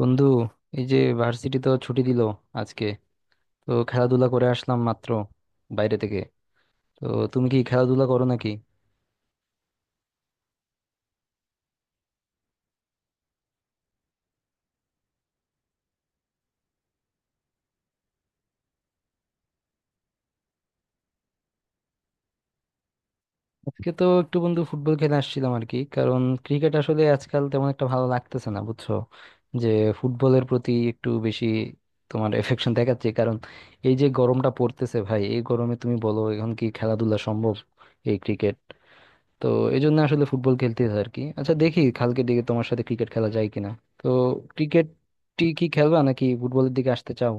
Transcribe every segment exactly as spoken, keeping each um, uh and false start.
বন্ধু, এই যে ভার্সিটি তো ছুটি দিল আজকে। তো খেলাধুলা করে আসলাম মাত্র বাইরে থেকে। তো তুমি কি খেলাধুলা করো নাকি? আজকে তো একটু বন্ধু ফুটবল খেলে আসছিলাম আর কি। কারণ ক্রিকেট আসলে আজকাল তেমন একটা ভালো লাগতেছে না বুঝছো, যে ফুটবলের প্রতি একটু বেশি তোমার এফেকশন দেখাচ্ছে। কারণ এই যে গরমটা পড়তেছে ভাই, এই গরমে তুমি বলো এখন কি খেলাধুলা সম্ভব? এই ক্রিকেট, তো এই জন্য আসলে ফুটবল খেলতে হয় আর কি। আচ্ছা দেখি কালকের দিকে তোমার সাথে ক্রিকেট খেলা যায় কিনা। তো ক্রিকেট টি কি খেলবা নাকি ফুটবলের দিকে আসতে চাও?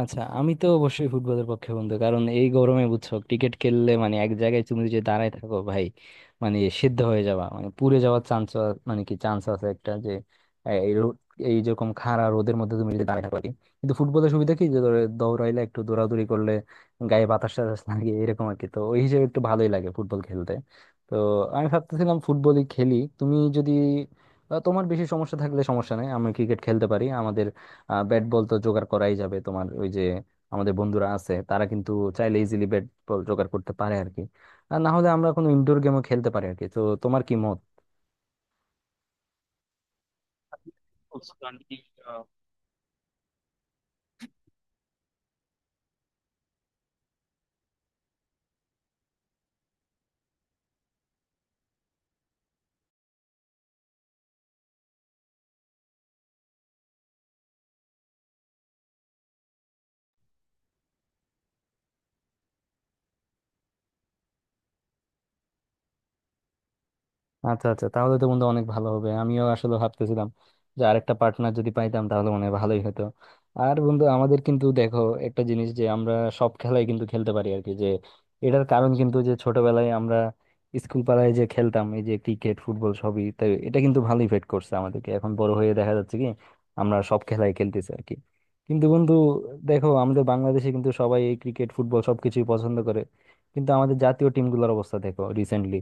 আচ্ছা আমি তো অবশ্যই ফুটবলের পক্ষে বন্ধু, কারণ এই গরমে বুঝছো ক্রিকেট খেললে মানে এক জায়গায় তুমি যদি দাঁড়ায় থাকো ভাই, মানে সিদ্ধ হয়ে যাওয়া মানে পুড়ে যাওয়ার চান্স, মানে কি চান্স আছে একটা যে এ- এই রো- এই যেরকম খাড়া রোদের মধ্যে তুমি যদি দাঁড়ায় থাকো আর কি। কিন্তু ফুটবলের সুবিধা কি, যে ধরো দৌড়াইলে একটু দৌড়াদৌড়ি করলে গায়ে বাতাস টাতাস লাগে এরকম আর কি। তো ওই হিসেবে একটু ভালোই লাগে ফুটবল খেলতে। তো আমি ভাবতেছিলাম ফুটবলই খেলি, তুমি যদি আহ, তোমার বেশি সমস্যা থাকলে সমস্যা নেই, আমি ক্রিকেট খেলতে পারি। আমাদের ব্যাট বল তো জোগাড় করাই যাবে, তোমার ওই যে আমাদের বন্ধুরা আছে তারা কিন্তু চাইলে ইজিলি ব্যাট বল জোগাড় করতে পারে আর কি। আর না হলে আমরা কোনো ইনডোর গেমও খেলতে পারি আর কি। তো তোমার কি মত? আচ্ছা আচ্ছা, তাহলে তো বন্ধু অনেক ভালো হবে। আমিও আসলে ভাবতেছিলাম যে আরেকটা পার্টনার যদি পাইতাম তাহলে মনে হয় ভালোই হতো। আর বন্ধু, আমাদের কিন্তু দেখো একটা জিনিস, যে আমরা সব খেলাই কিন্তু খেলতে পারি আর কি। যে এটার কারণ কিন্তু, যে ছোটবেলায় আমরা স্কুল পাড়ায় যে খেলতাম এই যে ক্রিকেট ফুটবল সবই, তাই এটা কিন্তু ভালো ইফেক্ট করছে আমাদেরকে। এখন বড় হয়ে দেখা যাচ্ছে কি আমরা সব খেলাই খেলতেছি আর কি। কিন্তু বন্ধু দেখো, আমাদের বাংলাদেশে কিন্তু সবাই এই ক্রিকেট ফুটবল সবকিছুই পছন্দ করে, কিন্তু আমাদের জাতীয় টিমগুলোর অবস্থা দেখো রিসেন্টলি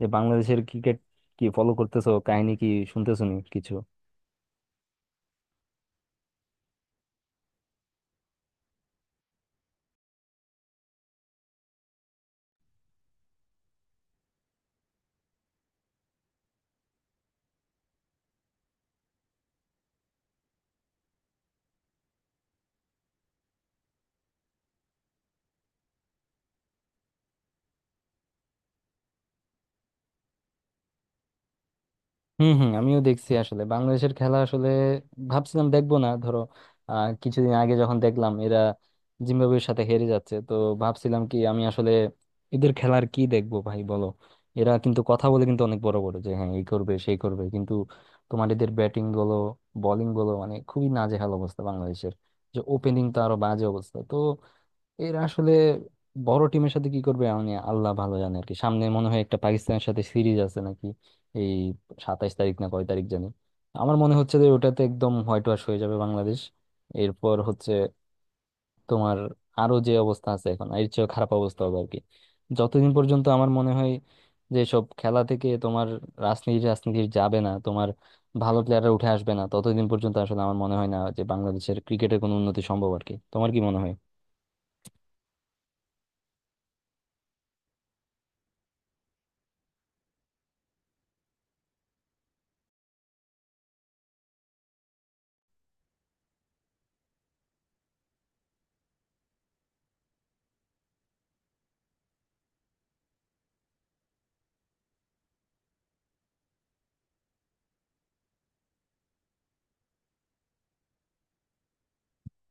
যে বাংলাদেশের, কি ফলো করতেছো, কাহিনী কি, শুনতেছো নি কিছু? হুম হুম, আমিও দেখছি আসলে বাংলাদেশের খেলা। আসলে ভাবছিলাম দেখবো না ধরো, আহ কিছুদিন আগে যখন দেখলাম এরা জিম্বাবুয়ের সাথে হেরে যাচ্ছে, তো ভাবছিলাম কি আমি আসলে এদের খেলার কি দেখবো ভাই বলো। এরা কিন্তু কথা বলে কিন্তু অনেক বড় বড়, যে হ্যাঁ এই করবে সেই করবে, কিন্তু তোমার এদের ব্যাটিং বলো বোলিং বলো মানে খুবই নাজেহাল অবস্থা বাংলাদেশের। যে ওপেনিং তো আরো বাজে অবস্থা। তো এরা আসলে বড় টিমের সাথে কি করবে মানে আল্লাহ ভালো জানে আর কি। সামনে মনে হয় একটা পাকিস্তানের সাথে সিরিজ আছে নাকি, এই সাতাইশ তারিখ না কয় তারিখ জানি। আমার মনে হচ্ছে যে ওটাতে একদম হোয়াইট ওয়াশ হয়ে যাবে বাংলাদেশ। এরপর হচ্ছে তোমার আরো যে অবস্থা আছে এখন এর চেয়ে খারাপ অবস্থা হবে আর কি। যতদিন পর্যন্ত আমার মনে হয় যে সব খেলা থেকে তোমার রাজনীতি রাজনীতি যাবে না, তোমার ভালো প্লেয়াররা উঠে আসবে না, ততদিন পর্যন্ত আসলে আমার মনে হয় না যে বাংলাদেশের ক্রিকেটের কোনো উন্নতি সম্ভব আর কি। তোমার কি মনে হয়?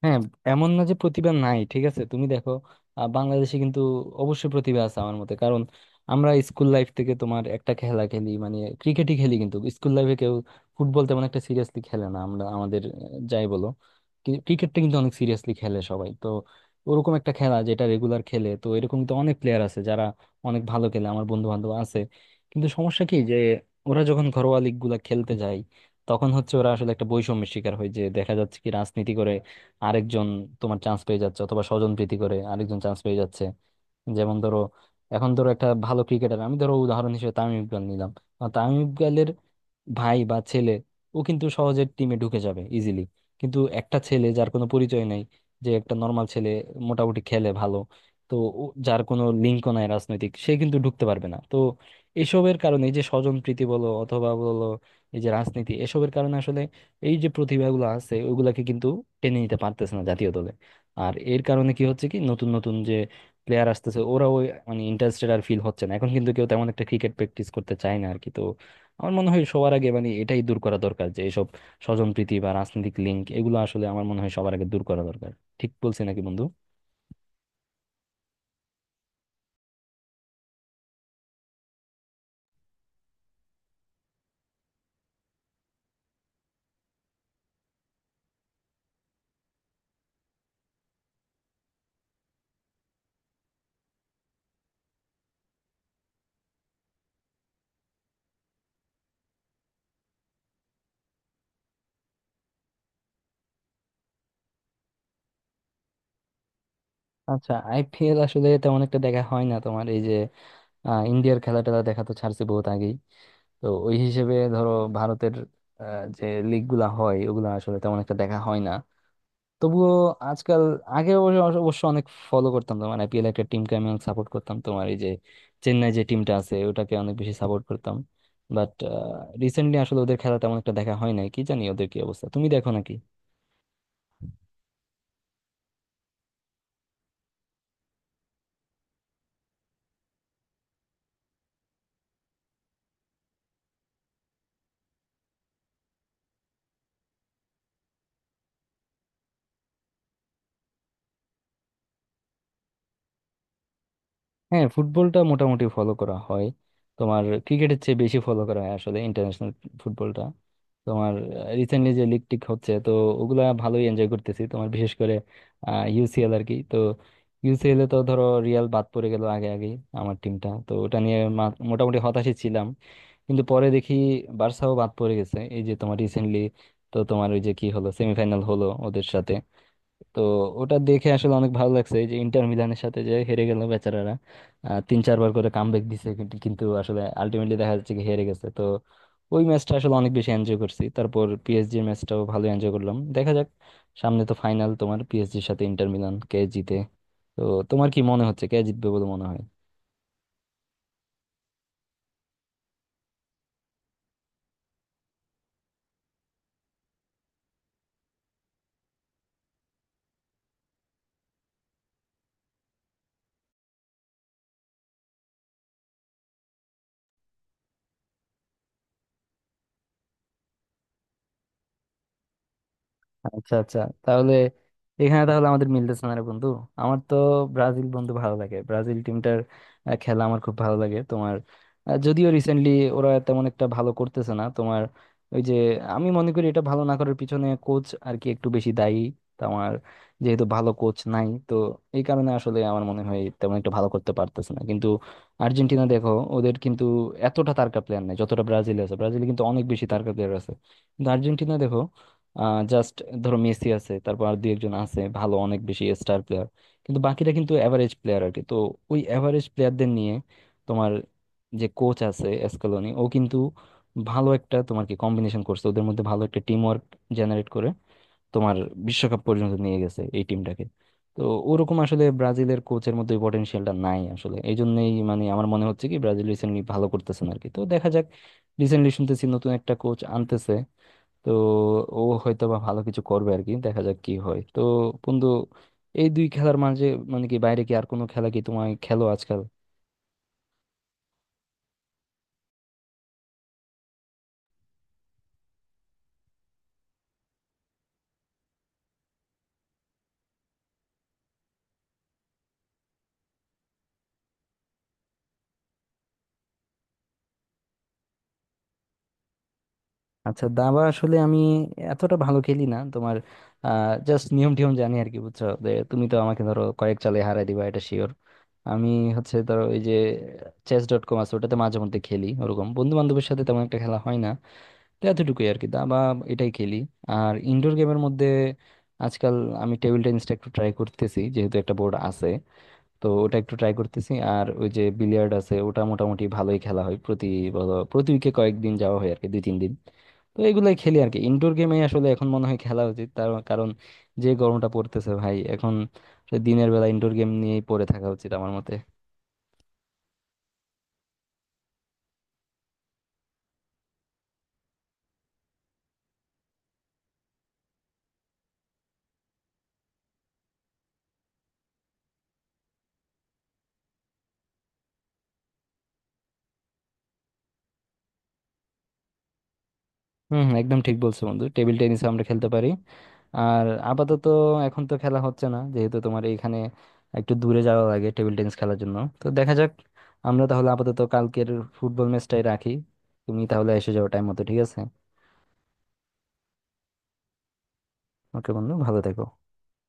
হ্যাঁ, এমন না যে প্রতিভা নাই, ঠিক আছে তুমি দেখো আহ, বাংলাদেশে কিন্তু অবশ্যই প্রতিভা আছে আমার মতে। কারণ আমরা স্কুল লাইফ থেকে তোমার একটা খেলা খেলি মানে ক্রিকেটই খেলি, কিন্তু স্কুল লাইফে কেউ ফুটবল তেমন একটা সিরিয়াসলি খেলে না। আমরা আমাদের আহ, যাই বলো ক্রিকেটটা কিন্তু অনেক সিরিয়াসলি খেলে সবাই। তো ওরকম একটা খেলা যেটা রেগুলার খেলে, তো এরকম তো অনেক প্লেয়ার আছে যারা অনেক ভালো খেলে, আমার বন্ধু বান্ধব আছে। কিন্তু সমস্যা কি, যে ওরা যখন ঘরোয়া লিগ গুলা খেলতে যায়, তখন হচ্ছে ওরা আসলে একটা বৈষম্যের শিকার হয়। যে দেখা যাচ্ছে কি রাজনীতি করে আরেকজন তোমার চান্স পেয়ে যাচ্ছে, অথবা স্বজন প্রীতি করে আরেকজন চান্স পেয়ে যাচ্ছে। যেমন ধরো এখন ধরো একটা ভালো ক্রিকেটার আমি ধরো উদাহরণ হিসেবে তামিম ইকবাল নিলাম। আহ, তামিম ইকবালের ভাই বা ছেলে, ও কিন্তু সহজে টিমে ঢুকে যাবে ইজিলি। কিন্তু একটা ছেলে যার কোনো পরিচয় নাই, যে একটা নর্মাল ছেলে মোটামুটি খেলে ভালো, তো ও- যার কোনো লিঙ্কও নাই রাজনৈতিক, সে কিন্তু ঢুকতে পারবে না। তো এসবের কারণে, এই যে স্বজনপ্রীতি বলো অথবা বলো এই যে রাজনীতি, এসবের কারণে আসলে এই যে প্রতিভাগুলো আছে ওগুলাকে কিন্তু টেনে নিতে পারতেছে না জাতীয় দলে। আর এর কারণে কি হচ্ছে কি, নতুন নতুন যে প্লেয়ার আসতেছে ওরাও মানে ইন্টারেস্টেড আর ফিল হচ্ছে না। এখন কিন্তু কেউ তেমন একটা ক্রিকেট প্র্যাকটিস করতে চায় না আর কি। তো আমার মনে হয় সবার আগে মানে এটাই দূর করা দরকার, যে এইসব স্বজনপ্রীতি বা রাজনৈতিক লিঙ্ক, এগুলো আসলে আমার মনে হয় সবার আগে দূর করা দরকার। ঠিক বলছি নাকি বন্ধু? আচ্ছা আই পি এল আসলে তেমন একটা দেখা হয় না। তোমার এই যে আহ, ইন্ডিয়ার খেলা টেলা দেখা তো ছাড়ছে বহুত আগেই। তো ওই হিসেবে ধরো ভারতের আহ, যে লিগ গুলা হয় ওগুলো আসলে তেমন একটা দেখা হয় না। তবুও আজকাল আগে অবশ্য অবশ্য অনেক ফলো করতাম। তোমার আই পি এল একটা টিমকে আমি অনেক সাপোর্ট করতাম, তোমার এই যে চেন্নাই যে টিমটা আছে ওটাকে অনেক বেশি সাপোর্ট করতাম। বাট রিসেন্টলি আসলে ওদের খেলা তেমন একটা দেখা হয় নাই। কি জানি ওদের কি অবস্থা, তুমি দেখো নাকি? হ্যাঁ ফুটবলটা মোটামুটি ফলো করা হয়। তোমার ক্রিকেটের চেয়ে বেশি ফলো করা হয় আসলে ইন্টারন্যাশনাল ফুটবলটা। তোমার রিসেন্টলি যে লিগ টিক হচ্ছে, তো ওগুলা ভালোই এনজয় করতেছি। তোমার বিশেষ করে ইউ সি এল আর কি। তো ইউ সি এল এ তো ধরো রিয়াল বাদ পড়ে গেল আগে আগে। আমার টিমটা তো, ওটা নিয়ে মা- মোটামুটি হতাশই ছিলাম। কিন্তু পরে দেখি বার্সাও বাদ পড়ে গেছে এই যে তোমার রিসেন্টলি। তো তোমার ওই যে কি হলো সেমিফাইনাল হলো ওদের সাথে। তো ওটা দেখে আসলে অনেক ভালো লাগছে, এই যে ইন্টার মিলানের সাথে যে হেরে গেল বেচারারা। আহ, তিন চারবার করে কামব্যাক দিছে কিন্তু, কিন্তু আসলে আলটিমেটলি দেখা যাচ্ছে কি হেরে গেছে। তো ওই ম্যাচটা আসলে অনেক বেশি এনজয় করছি। তারপর পি এস জি এর ম্যাচটাও ভালো এনজয় করলাম। দেখা যাক, সামনে তো ফাইনাল তোমার পি এস জি-র সাথে ইন্টার মিলান, কে জিতে। তো তোমার কি মনে হচ্ছে কে জিতবে বলে মনে হয়? আচ্ছা আচ্ছা, তাহলে এখানে তাহলে আমাদের মিলতেছে না রে বন্ধু। আমার তো ব্রাজিল বন্ধু ভালো লাগে, ব্রাজিল টিমটার আহ, খেলা আমার খুব ভালো লাগে। তোমার আহ, যদিও রিসেন্টলি ওরা তেমন একটা ভালো করতেছে না। তোমার ওই যে আমি মনে করি এটা ভালো না করার পিছনে কোচ আর কি একটু বেশি দায়ী। তোমার যেহেতু ভালো কোচ নাই, তো এই কারণে আসলে আমার মনে হয় তেমন একটা ভালো করতে পারতেছে না। কিন্তু আর্জেন্টিনা দেখো, ওদের কিন্তু এতটা তারকা প্লেয়ার নাই যতটা ব্রাজিল আছে। ব্রাজিলে কিন্তু অনেক বেশি তারকা প্লেয়ার আছে। কিন্তু আর্জেন্টিনা দেখো, জাস্ট ধরো মেসি আছে, তারপর আর দুই একজন আছে ভালো, অনেক বেশি স্টার প্লেয়ার। কিন্তু বাকিরা কিন্তু এভারেজ প্লেয়ার আর কি। তো ওই এভারেজ প্লেয়ারদের নিয়ে তোমার যে কোচ আছে এসকালোনি, ও কিন্তু ভালো একটা তোমার কি কম্বিনেশন করছে। ওদের মধ্যে ভালো একটা টিম ওয়ার্ক জেনারেট করে তোমার বিশ্বকাপ পর্যন্ত নিয়ে গেছে এই টিমটাকে। তো ওরকম আসলে ব্রাজিলের কোচের মধ্যে পটেনশিয়ালটা নাই আসলে, এই জন্যই মানে আমার মনে হচ্ছে কি ব্রাজিল রিসেন্টলি ভালো করতেছে না আর কি। তো দেখা যাক, রিসেন্টলি শুনতেছি নতুন একটা কোচ আনতেছে। তো ও হয়তো বা ভালো কিছু করবে আর কি, দেখা যাক কি হয়। তো বন্ধু, এই দুই খেলার মাঝে মানে কি বাইরে কি আর কোনো খেলা কি তোমায় খেলো আজকাল? আচ্ছা দাবা আসলে আমি এতটা ভালো খেলি না। তোমার জাস্ট নিয়ম টিয়ম জানি আর কি বুঝছো, যে তুমি তো আমাকে ধরো কয়েক চালে হারাই দিবা এটা শিওর। আমি হচ্ছে ধরো ওই যে চেস ডট কম আছে ওটাতে মাঝে মধ্যে খেলি। ওরকম বন্ধু বান্ধবের সাথে তেমন একটা খেলা হয় না। তো এতটুকুই আর কি দাবা, এটাই খেলি। আর ইনডোর গেমের মধ্যে আজকাল আমি টেবিল টেনিসটা একটু ট্রাই করতেছি যেহেতু একটা বোর্ড আছে, তো ওটা একটু ট্রাই করতেছি। আর ওই যে বিলিয়ার্ড আছে ওটা মোটামুটি ভালোই খেলা হয় প্রতি বলো- প্রতি উইকে কয়েকদিন যাওয়া হয় আর কি, দুই তিন দিন। তো এগুলাই খেলি আর কি। ইনডোর গেমে আসলে এখন মনে হয় খেলা উচিত, তার কারণ যে গরমটা পড়তেছে ভাই এখন। দিনের বেলা ইনডোর গেম নিয়েই পড়ে থাকা উচিত আমার মতে। হুম হুম, একদম ঠিক বলছো বন্ধু, টেবিল টেনিস আমরা খেলতে পারি। আর আপাতত এখন তো খেলা হচ্ছে না যেহেতু তোমার এইখানে একটু দূরে যাওয়া লাগে টেবিল টেনিস খেলার জন্য। তো দেখা যাক, আমরা তাহলে আপাতত কালকের ফুটবল ম্যাচটাই রাখি। তুমি তাহলে এসে যাও টাইম মতো, ঠিক আছে? ওকে বন্ধু, ভালো থেকো।